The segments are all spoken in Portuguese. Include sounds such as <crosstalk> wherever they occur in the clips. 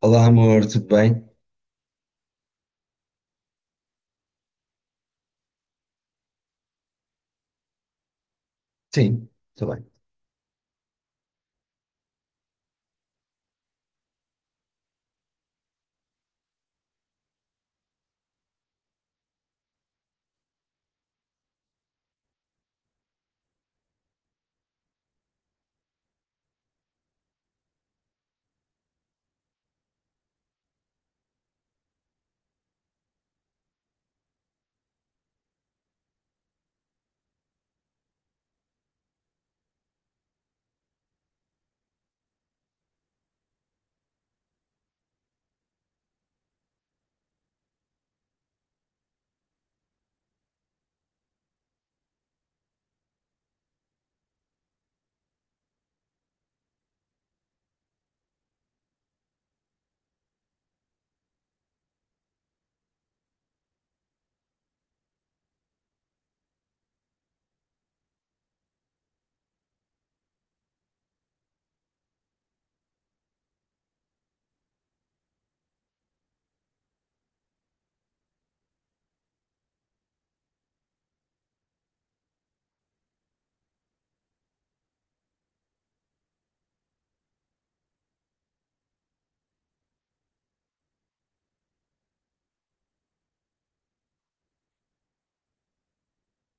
Olá, amor, tudo bem? Sim, tudo bem.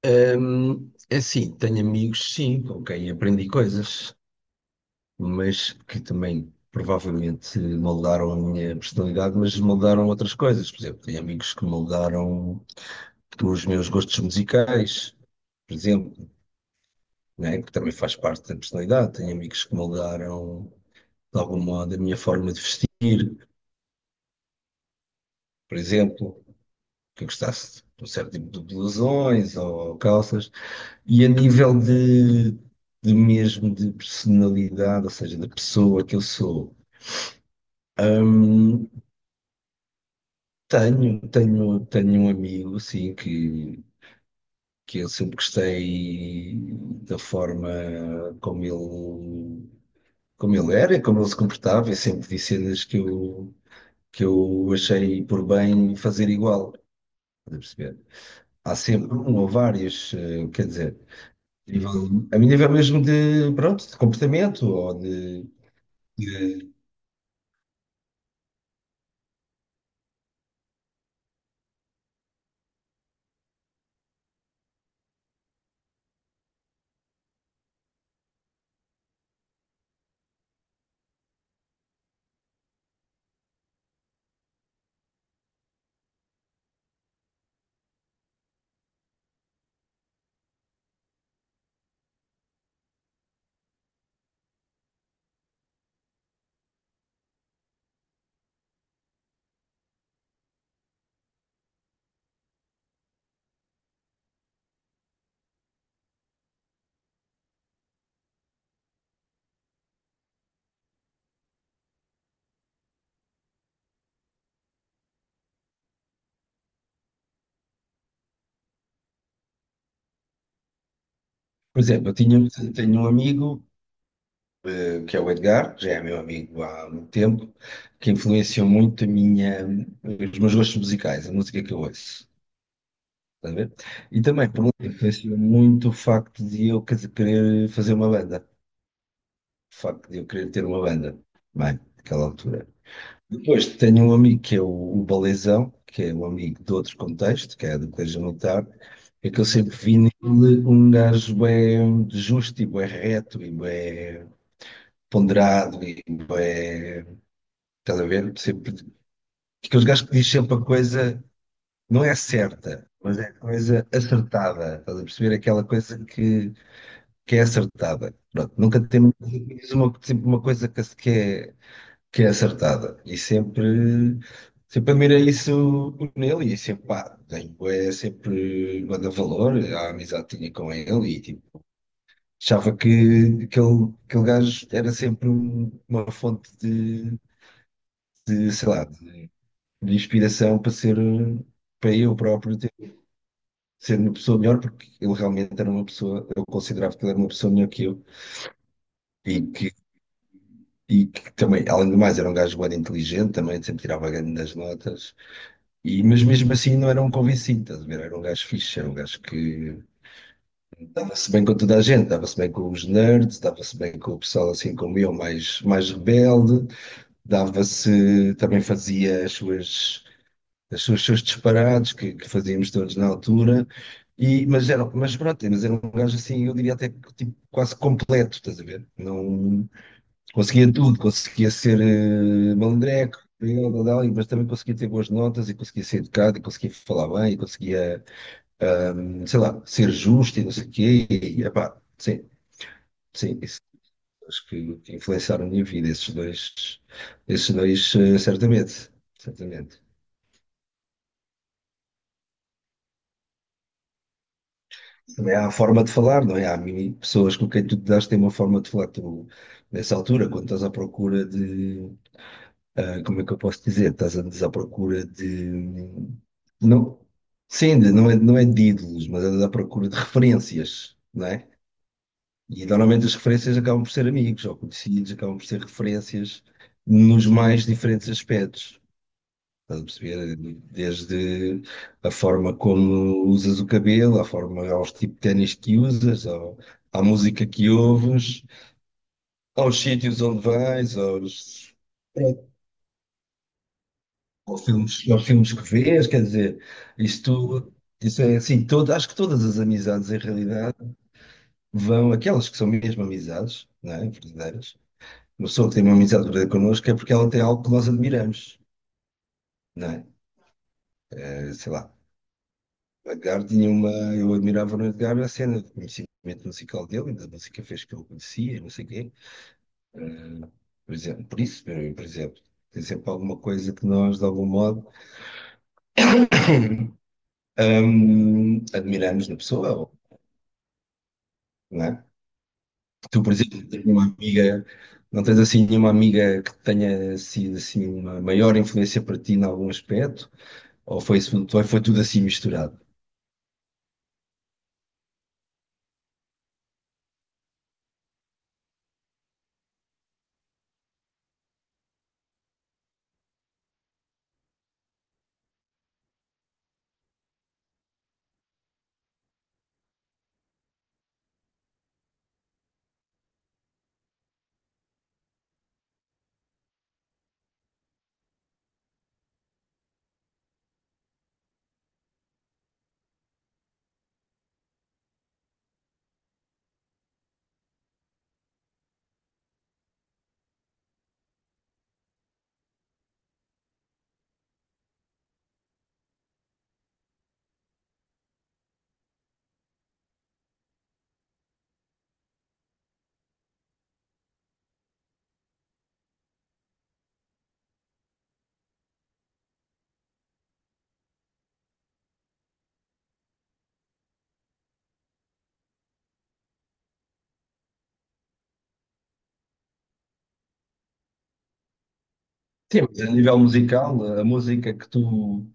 É assim, tenho amigos, sim, com quem aprendi coisas, mas que também provavelmente moldaram a minha personalidade, mas moldaram outras coisas. Por exemplo, tenho amigos que moldaram os meus gostos musicais, por exemplo, né, que também faz parte da personalidade. Tenho amigos que moldaram, de algum modo, a minha forma de vestir, por exemplo, que eu gostasse de um certo tipo de blusões ou calças. E a nível de mesmo de personalidade, ou seja, da pessoa que eu sou, hum, tenho um amigo, assim, que eu sempre gostei da forma como ele, como ele era, e como ele se comportava, eu sempre disse cenas que eu achei por bem fazer igual, estás a perceber? Há sempre um ou vários, quer dizer, nível a mim nível mesmo de, pronto, de comportamento ou de. Por exemplo, tenho um amigo, que é o Edgar, que já é meu amigo há muito tempo, que influenciou muito os meus gostos musicais, a música que eu ouço. Estás a ver? E também, por um lado, influenciou muito o facto de eu querer fazer uma banda, o facto de eu querer ter uma banda, bem, naquela altura. Depois tenho um amigo que é o Balezão, que é um amigo de outro contexto, que é do Colégio Militar, é que eu sempre vi nele um gajo bem justo e bem reto e bem ponderado e bué, estás a ver? Sempre, aqueles gajos que diz sempre a coisa não é certa, mas é coisa acertada, estás a perceber? Aquela coisa que é acertada. Pronto, nunca temos uma, sempre uma coisa que, que é acertada e sempre. Sempre admirei isso nele e sempre, pá, tenho, é, sempre manda valor à amizade que tinha com ele e tipo, achava que aquele gajo era sempre um- uma fonte de, sei lá, de inspiração para ser, para eu próprio ter, ser uma pessoa melhor, porque ele realmente era uma pessoa, eu considerava que ele era uma pessoa melhor que eu e que, e que também, além do mais, era um gajo bem inteligente também, sempre tirava grandes notas, e, mas mesmo assim não era um convencido, estás a ver? Era um gajo fixe, era um gajo que dava-se bem com toda a gente, dava-se bem com os nerds, dava-se bem com o pessoal assim como eu, mais rebelde, dava-se, também fazia as suas os seus disparados que fazíamos todos na altura. E, mas, era, mas pronto, mas era um gajo assim, eu diria até que, tipo, quase completo, estás a ver? Não conseguia tudo, conseguia ser malandreco, eu, dadá, mas também conseguia ter boas notas e conseguia ser educado e conseguia falar bem e conseguia, sei lá, ser justo e não sei o quê. E, epá, sim, sim, isso acho que influenciaram a minha vida, esses dois, certamente, certamente. Também há a forma de falar, não é? Há mini- pessoas com quem tu te das têm uma forma de falar. Tu, nessa altura, quando estás à procura de. Ah, como é que eu posso dizer? Estás andas à procura de. Não, sim, de- não é, não é de ídolos, mas andas à procura de referências, não é? E normalmente as referências acabam por ser amigos ou conhecidos, acabam por ser referências nos mais diferentes aspectos. Estás a perceber? Desde a forma como usas o cabelo, à forma, aos tipos de ténis que usas, ao- à música que ouves, aos sítios onde vais, aos, pronto, aos filmes que vês, quer dizer, isto, isso é assim, todo, acho que todas as amizades em realidade vão, aquelas que são mesmo amizades, não é? Verdadeiras. Uma pessoa que tem uma amizade verdadeira connosco é porque ela tem algo que nós admiramos, não é? Sei lá. O Edgar tinha uma. Eu admirava no Edgar a cena do conhecimento musical dele, da música fez que eu conhecia, não sei o quê. Por exemplo, por isso, por exemplo, tem sempre alguma coisa que nós, de algum modo, admiramos na pessoa, ou, não é? Tu, por exemplo, tens uma amiga, não tens assim nenhuma amiga que tenha sido assim uma maior influência para ti em algum aspecto? Ou foi, isso- ou foi tudo assim misturado? Sim, mas a nível musical, a música que tu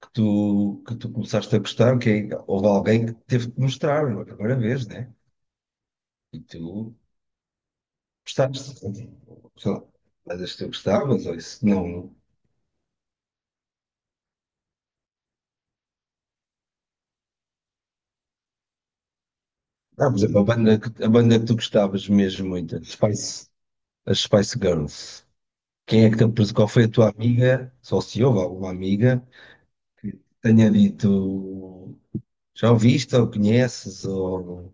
que tu começaste a gostar, que é- houve alguém que teve que mostrar, não é a primeira vez, né? E tu gostaste, sei lá, mas as que tu gostavas, ou isso não. Ah, por exemplo, a banda que tu gostavas mesmo muito, as Spice Girls. Quem é que te apres- qual foi a tua amiga, só se houve alguma amiga, que tenha dito, já ouviste ou conheces, ou...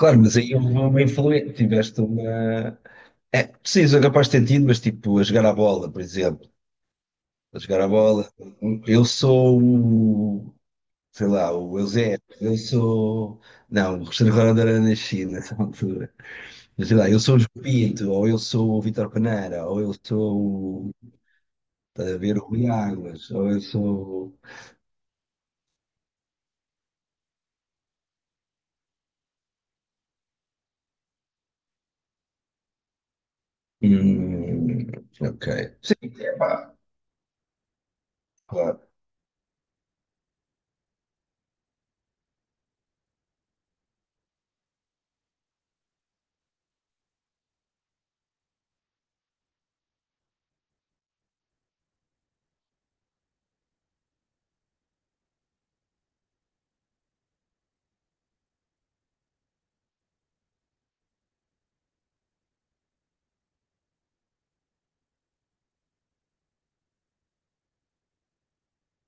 Claro, mas aí houve uma influência, tiveste uma... É, sim, sou capaz de ter tido, mas tipo, a jogar à bola, por exemplo. Para jogar a bola. Eu sou o, sei lá, o Eusébio. Eu sou. Não, o Cristiano Ronaldo na China <laughs> nessa altura. Mas sei lá, eu sou o João Pinto, ou eu sou o Vítor Peneira, ou eu sou o. Estás a ver o Rui Águas, ou eu sou. Hum, ok. Sim, é pá, claro.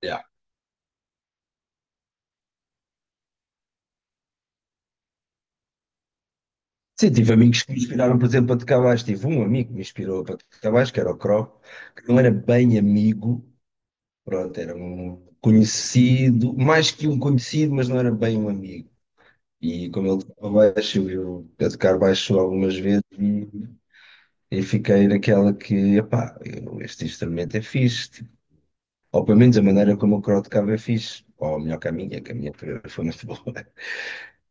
Yeah. Sim, tive amigos que me inspiraram, por exemplo, para tocar baixo. Tive um amigo que me inspirou para tocar baixo, que era o Croc, que não era bem amigo. Pronto, era um conhecido, mais que um conhecido, mas não era bem um amigo. E como ele tocava baixo, eu a tocar baixo algumas vezes e fiquei naquela que, epá, eu- este instrumento é fixe. Tipo, ou pelo menos a maneira como o Crow tocava é fixe. Ou melhor que a minha foi muito boa. <laughs>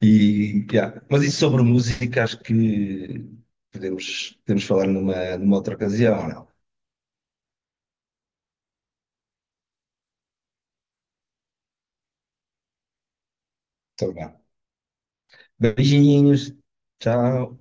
E, yeah. Mas isso sobre música, acho que podemos, podemos falar numa, numa outra ocasião, ou não? Então, vá. Beijinhos, tchau.